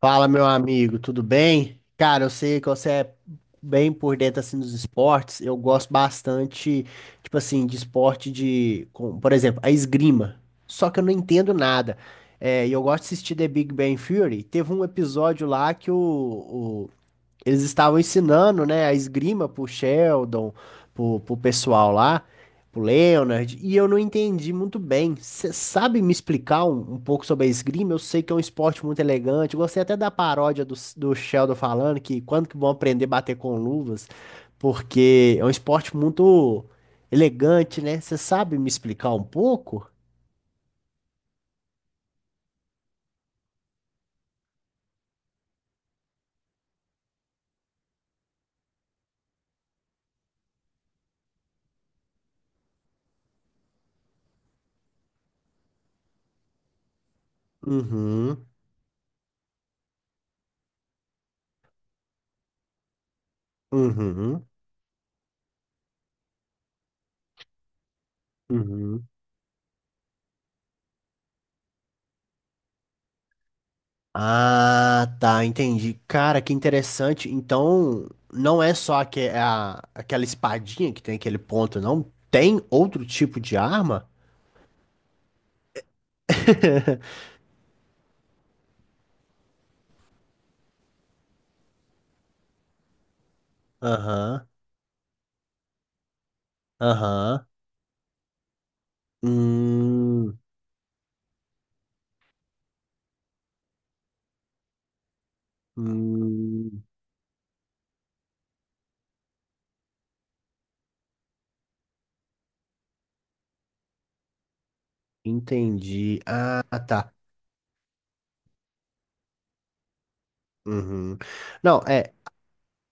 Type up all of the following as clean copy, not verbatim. Fala, meu amigo, tudo bem? Cara, eu sei que você é bem por dentro assim dos esportes. Eu gosto bastante, tipo assim, de esporte por exemplo, a esgrima. Só que eu não entendo nada. É, e eu gosto de assistir The Big Bang Theory. Teve um episódio lá eles estavam ensinando, né, a esgrima pro Sheldon, pro pessoal lá, pro Leonard, e eu não entendi muito bem. Você sabe me explicar um pouco sobre a esgrima? Eu sei que é um esporte muito elegante. Eu gostei até da paródia do Sheldon falando que quando que vão aprender a bater com luvas, porque é um esporte muito elegante, né? Você sabe me explicar um pouco? Uhum, uhum, uhum. Ah, tá, entendi. Cara, que interessante. Então, não é só aque- é a- aquela espadinha que tem aquele ponto, não? Tem outro tipo de arma? Aham, aham. Hum, hum, entendi. Ah, tá. Uhum. Não, é,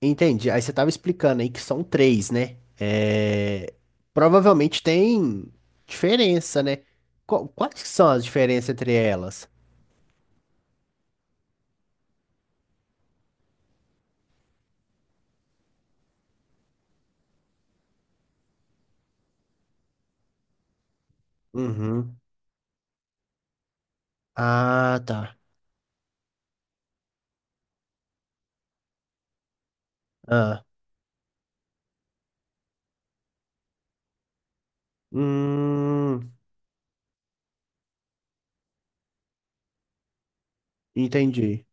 entendi. Aí você tava explicando aí que são três, né? É, provavelmente tem diferença, né? Quais que são as diferenças entre elas? Uhum. Ah, tá. Ah. Hum, entendi.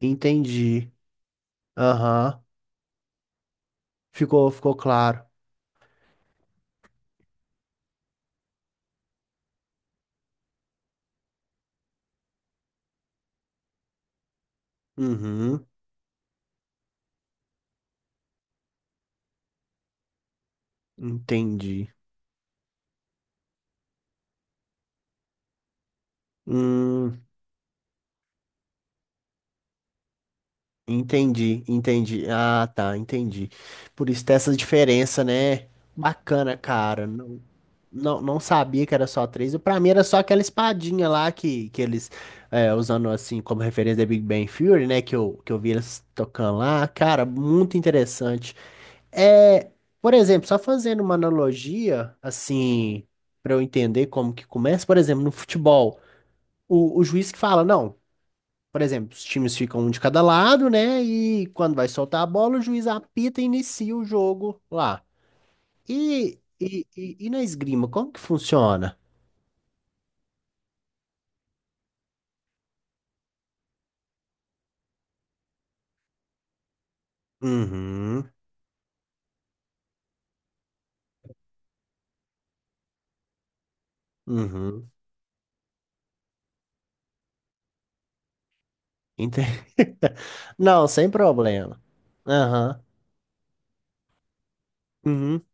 Entendi. Aham. Ficou claro. Uhum. Entendi. Hum, entendi, entendi. Ah, tá, entendi. Por isso tem essa diferença, né? Bacana, cara. Não, não sabia que era só três. Pra mim era só aquela espadinha lá usando assim como referência da Big Bang Theory, né? Que eu vi eles tocando lá. Cara, muito interessante. É, por exemplo, só fazendo uma analogia, assim, para eu entender como que começa, por exemplo, no futebol, o juiz que fala, não, por exemplo, os times ficam um de cada lado, né? E quando vai soltar a bola, o juiz apita e inicia o jogo lá. E na esgrima, como que funciona? Uhum, uhum, entendi. Não, sem problema. Aham, uhum,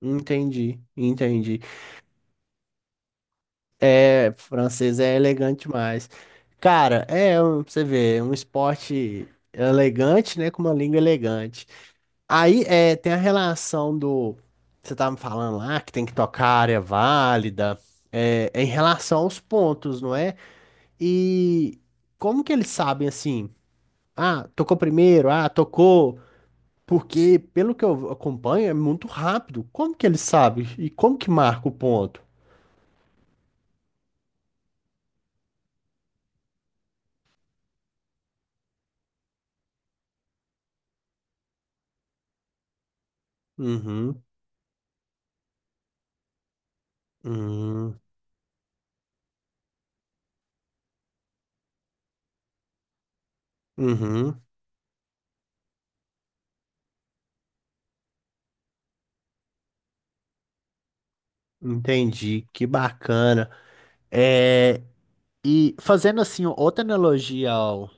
entendi, entendi. É, francês é elegante demais. Cara, é, um- você vê, é um esporte elegante, né, com uma língua elegante. Aí, é, tem a relação do, você tava me falando lá, que tem que tocar a área válida, é, é em relação aos pontos, não é? E como que eles sabem, assim, ah, tocou primeiro, ah, tocou, porque, pelo que eu acompanho, é muito rápido. Como que eles sabem? E como que marca o ponto? Uhum, uhum, uhum. Entendi, que bacana. É, e fazendo assim outra analogia ao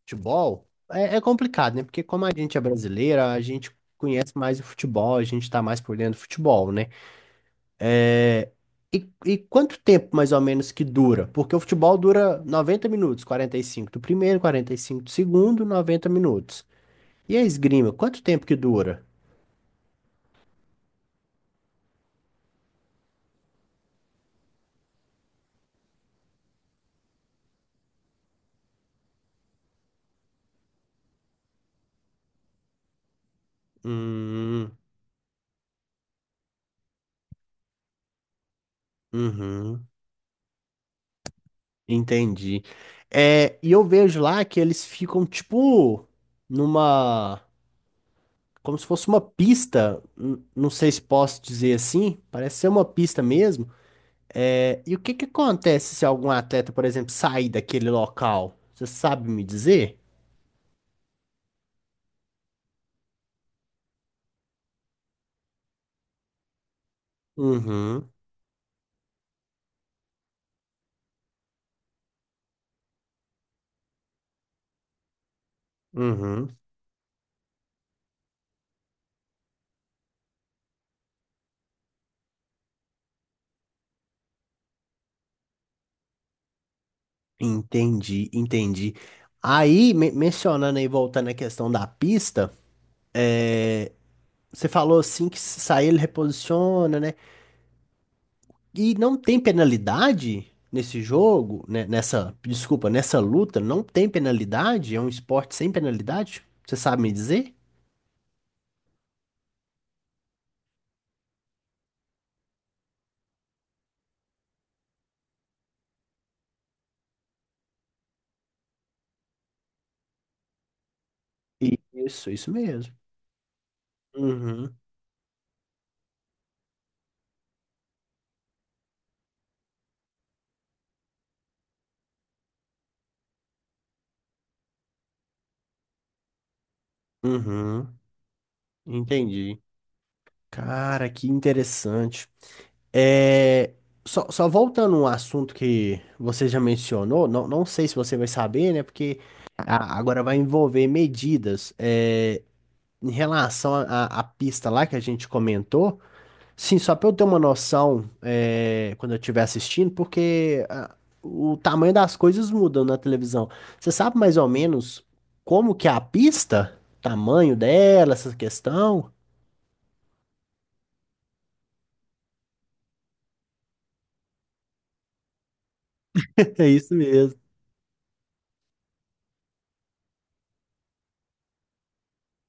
futebol, é, é complicado, né? Porque como a gente é brasileira, a gente conhece mais o futebol, a gente tá mais por dentro do futebol, né? E quanto tempo mais ou menos que dura? Porque o futebol dura 90 minutos, 45 do primeiro, 45 do segundo, 90 minutos. E a esgrima, quanto tempo que dura? Hum, uhum. Entendi. É, e eu vejo lá que eles ficam tipo numa, como se fosse uma pista, não sei se posso dizer assim, parece ser uma pista mesmo. É, e o que que acontece se algum atleta, por exemplo, sair daquele local? Você sabe me dizer? Uhum, uhum. Entendi, entendi. Aí, mencionando aí, voltando à questão da pista, é, você falou assim que se sair ele reposiciona, né? E não tem penalidade nesse jogo, né? Nessa, desculpa, nessa luta, não tem penalidade? É um esporte sem penalidade? Você sabe me dizer? Isso mesmo. Uhum, uhum, entendi. Cara, que interessante. É, só voltando a um assunto que você já mencionou, não, não sei se você vai saber, né? Porque agora vai envolver medidas. É, em relação à pista lá que a gente comentou. Sim, só para eu ter uma noção, é, quando eu estiver assistindo, porque ah, o tamanho das coisas mudam na televisão. Você sabe mais ou menos como que é a pista? Tamanho dela, essa questão? É isso mesmo.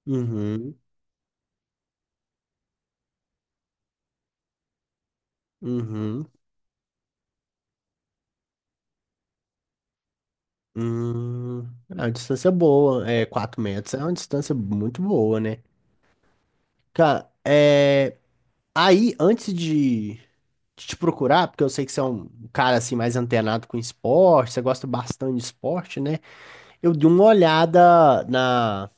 Uhum, uhum. Hum, é uma distância boa. É, 4 metros é uma distância muito boa, né? Cara, é, aí, antes de te procurar, porque eu sei que você é um cara assim mais antenado com esporte, você gosta bastante de esporte, né? Eu dei uma olhada na,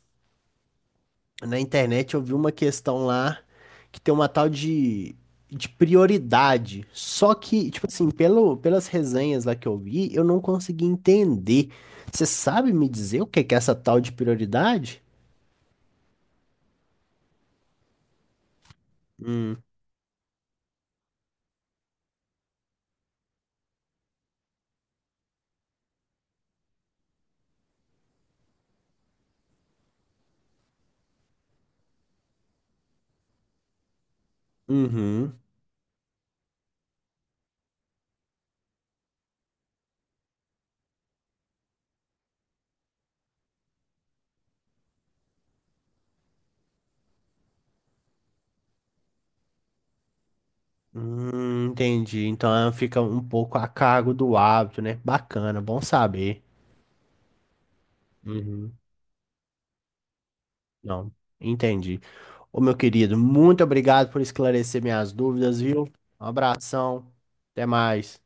na internet, eu vi uma questão lá que tem uma tal de prioridade. Só que, tipo assim, pelas resenhas lá que eu vi, eu não consegui entender. Você sabe me dizer o que que é essa tal de prioridade? Hum, uhum, entendi. Então ela fica um pouco a cargo do hábito, né? Bacana, bom saber. Uhum, não, entendi. Ô, meu querido, muito obrigado por esclarecer minhas dúvidas, viu? Um abração, até mais.